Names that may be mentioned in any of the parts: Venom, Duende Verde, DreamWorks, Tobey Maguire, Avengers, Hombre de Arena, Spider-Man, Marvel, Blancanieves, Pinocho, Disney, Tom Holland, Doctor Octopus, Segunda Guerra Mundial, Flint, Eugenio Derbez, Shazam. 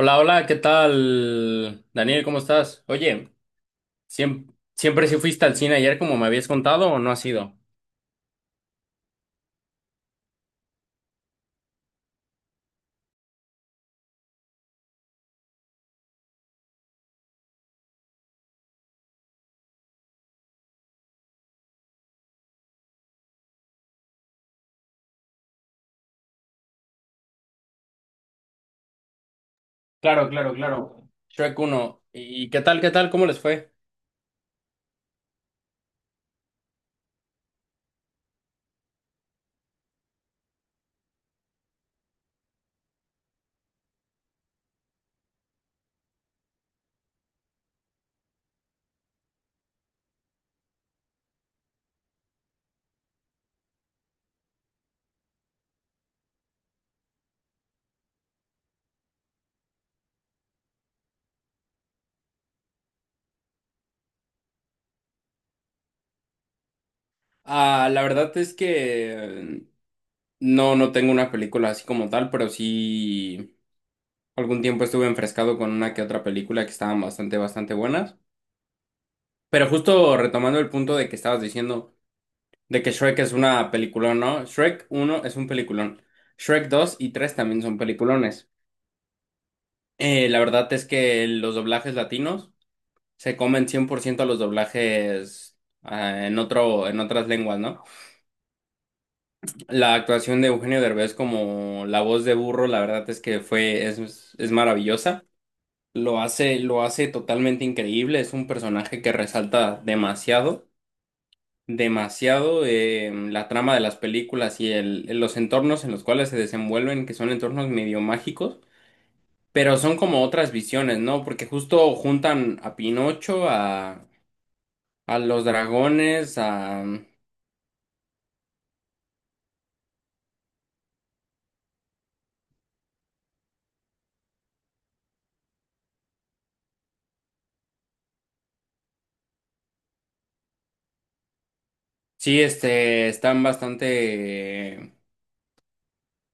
Hola, hola, ¿qué tal? Daniel, ¿cómo estás? Oye, ¿siempre sí fuiste al cine ayer como me habías contado o no has ido? Claro, claro, claro. Shrek uno, ¿y qué tal, qué tal? ¿Cómo les fue? Ah, la verdad es que no, no tengo una película así como tal, pero sí algún tiempo estuve enfrescado con una que otra película que estaban bastante, bastante buenas. Pero justo retomando el punto de que estabas diciendo de que Shrek es una peliculón, ¿no? Shrek uno es un peliculón. Shrek 2 y 3 también son peliculones. La verdad es que los doblajes latinos se comen 100% a los doblajes en otras lenguas, ¿no? La actuación de Eugenio Derbez como la voz de burro, la verdad es que fue, es maravillosa. Lo hace totalmente increíble. Es un personaje que resalta demasiado, demasiado la trama de las películas y los entornos en los cuales se desenvuelven, que son entornos medio mágicos. Pero son como otras visiones, ¿no? Porque justo juntan a Pinocho, a los dragones, a... Sí, este, están bastante,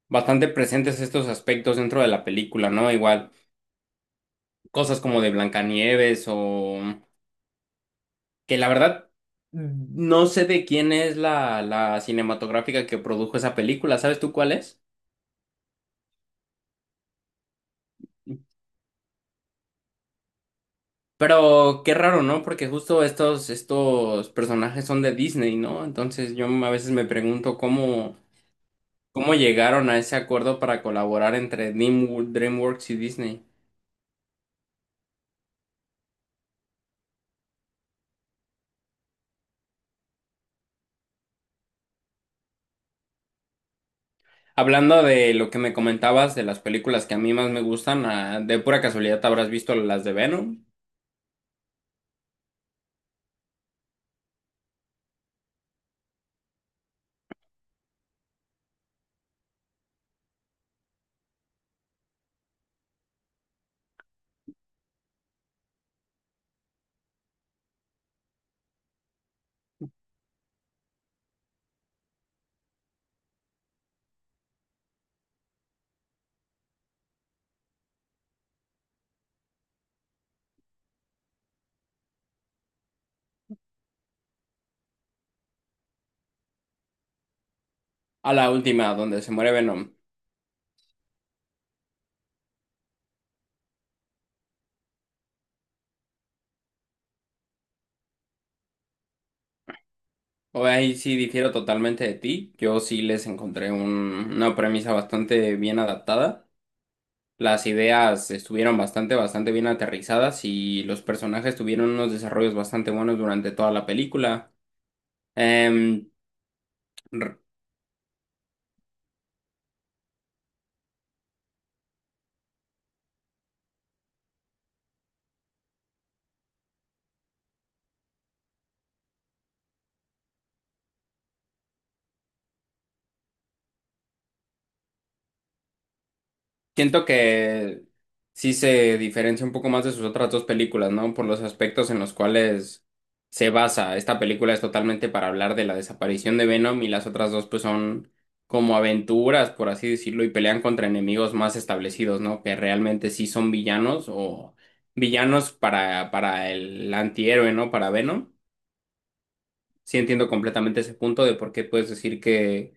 bastante presentes estos aspectos dentro de la película, ¿no? Igual, cosas como de Blancanieves o... Que la verdad, no sé de quién es la cinematográfica que produjo esa película, ¿sabes tú cuál es? Pero qué raro, ¿no? Porque justo estos personajes son de Disney, ¿no? Entonces yo a veces me pregunto cómo llegaron a ese acuerdo para colaborar entre DreamWorks y Disney. Hablando de lo que me comentabas de las películas que a mí más me gustan, de pura casualidad te habrás visto las de Venom, a la última, donde se muere Venom. O ahí sí difiero totalmente de ti. Yo sí les encontré una premisa bastante bien adaptada. Las ideas estuvieron bastante, bastante bien aterrizadas y los personajes tuvieron unos desarrollos bastante buenos durante toda la película. Em, Siento que sí se diferencia un poco más de sus otras dos películas, ¿no? Por los aspectos en los cuales se basa. Esta película es totalmente para hablar de la desaparición de Venom y las otras dos pues son como aventuras, por así decirlo, y pelean contra enemigos más establecidos, ¿no? Que realmente sí son villanos o villanos para el antihéroe, ¿no? Para Venom. Sí entiendo completamente ese punto de por qué puedes decir que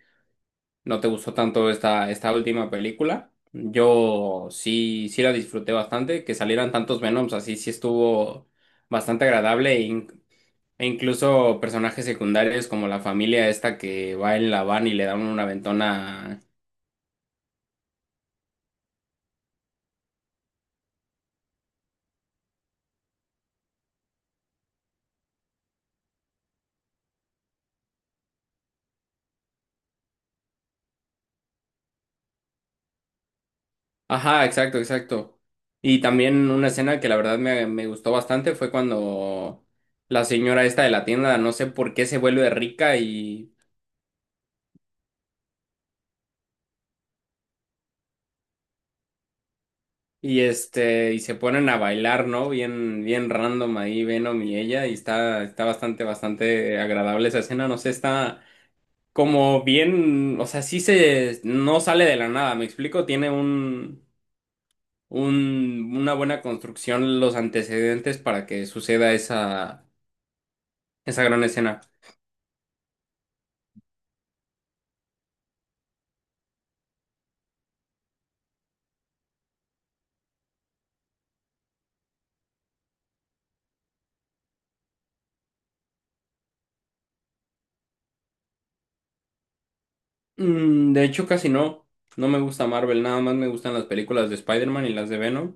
¿no te gustó tanto esta última película? Yo sí, sí la disfruté bastante, que salieran tantos Venoms así, sí estuvo bastante agradable e incluso personajes secundarios como la familia esta que va en la van y le dan una ventona. Ajá, exacto, exacto. Y también una escena que la verdad me gustó bastante fue cuando la señora esta de la tienda, no sé por qué se vuelve rica. Y este, y se ponen a bailar, ¿no? Bien, bien random ahí, Venom y ella, y está bastante, bastante agradable esa escena, no sé, está como bien, o sea, no sale de la nada, ¿me explico? Tiene una buena construcción los antecedentes para que suceda esa, esa gran escena. De hecho, casi no, no me gusta Marvel, nada más me gustan las películas de Spider-Man y las de Venom,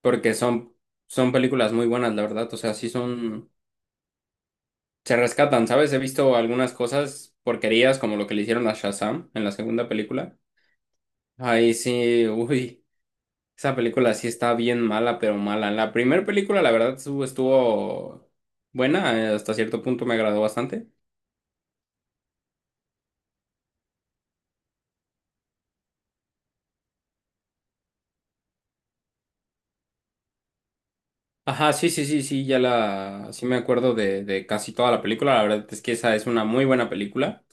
porque son películas muy buenas, la verdad, o sea, sí son se rescatan, ¿sabes? He visto algunas cosas porquerías como lo que le hicieron a Shazam en la segunda película. Ahí sí, uy, esa película sí está bien mala, pero mala. La primera película, la verdad, estuvo buena, hasta cierto punto me agradó bastante. Ajá, sí, sí, sí, sí, sí me acuerdo de, casi toda la película, la verdad es que esa es una muy buena película.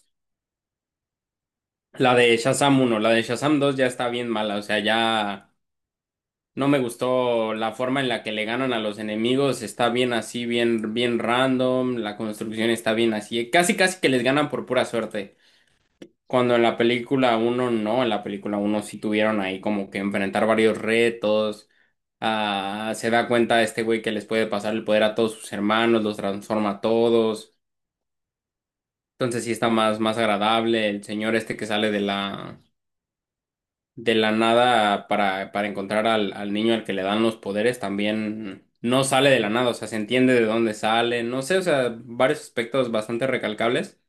La de Shazam uno la de Shazam 2 ya está bien mala, o sea, ya... No me gustó la forma en la que le ganan a los enemigos, está bien así, bien, bien random, la construcción está bien así, casi casi que les ganan por pura suerte. Cuando en la película uno no, en la película uno sí tuvieron ahí como que enfrentar varios retos, se da cuenta este güey que les puede pasar el poder a todos sus hermanos, los transforma a todos, entonces sí está más, más agradable el señor este que sale de la nada para encontrar al niño al que le dan los poderes también no sale de la nada, o sea, se entiende de dónde sale, no sé, o sea, varios aspectos bastante recalcables.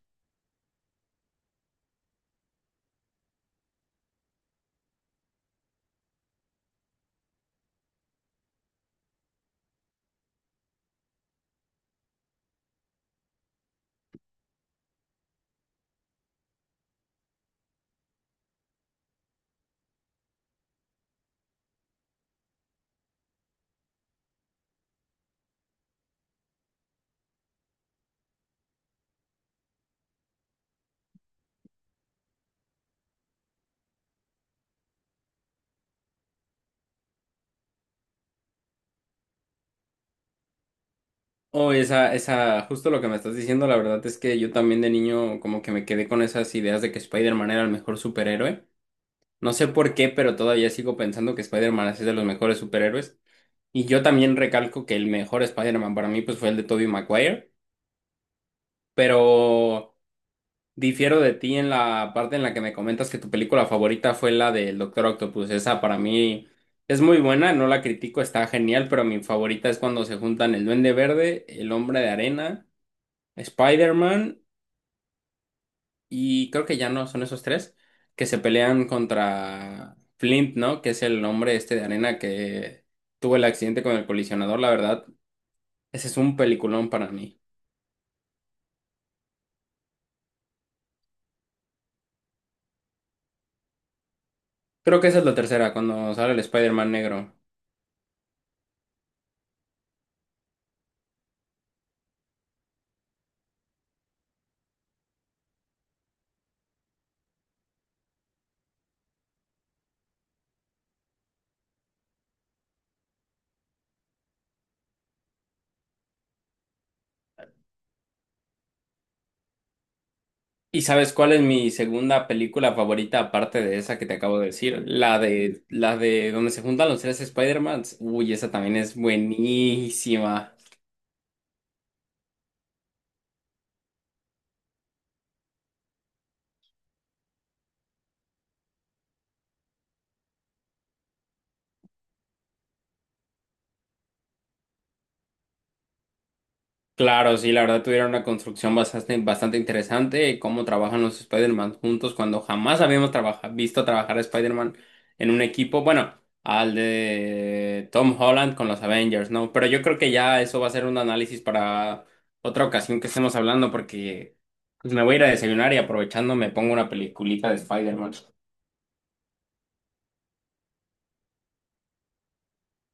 O esa, justo lo que me estás diciendo, la verdad es que yo también de niño como que me quedé con esas ideas de que Spider-Man era el mejor superhéroe. No sé por qué, pero todavía sigo pensando que Spider-Man es de los mejores superhéroes. Y yo también recalco que el mejor Spider-Man para mí pues fue el de Tobey Maguire, pero difiero de ti en la parte en la que me comentas que tu película favorita fue la del Doctor Octopus. Esa para mí es muy buena, no la critico, está genial, pero mi favorita es cuando se juntan el Duende Verde, el Hombre de Arena, Spider-Man y creo que ya no son esos tres que se pelean contra Flint, ¿no? Que es el hombre este de arena que tuvo el accidente con el colisionador, la verdad. Ese es un peliculón para mí. Creo que esa es la tercera, cuando sale el Spider-Man negro. ¿Y sabes cuál es mi segunda película favorita aparte de esa que te acabo de decir? La de donde se juntan los tres Spider-Mans. Uy, esa también es buenísima. Claro, sí, la verdad tuvieron una construcción bastante, bastante interesante, cómo trabajan los Spider-Man juntos cuando jamás visto trabajar a Spider-Man en un equipo, bueno, al de Tom Holland con los Avengers, ¿no? Pero yo creo que ya eso va a ser un análisis para otra ocasión que estemos hablando porque pues me voy a ir a desayunar y aprovechando me pongo una peliculita de Spider-Man.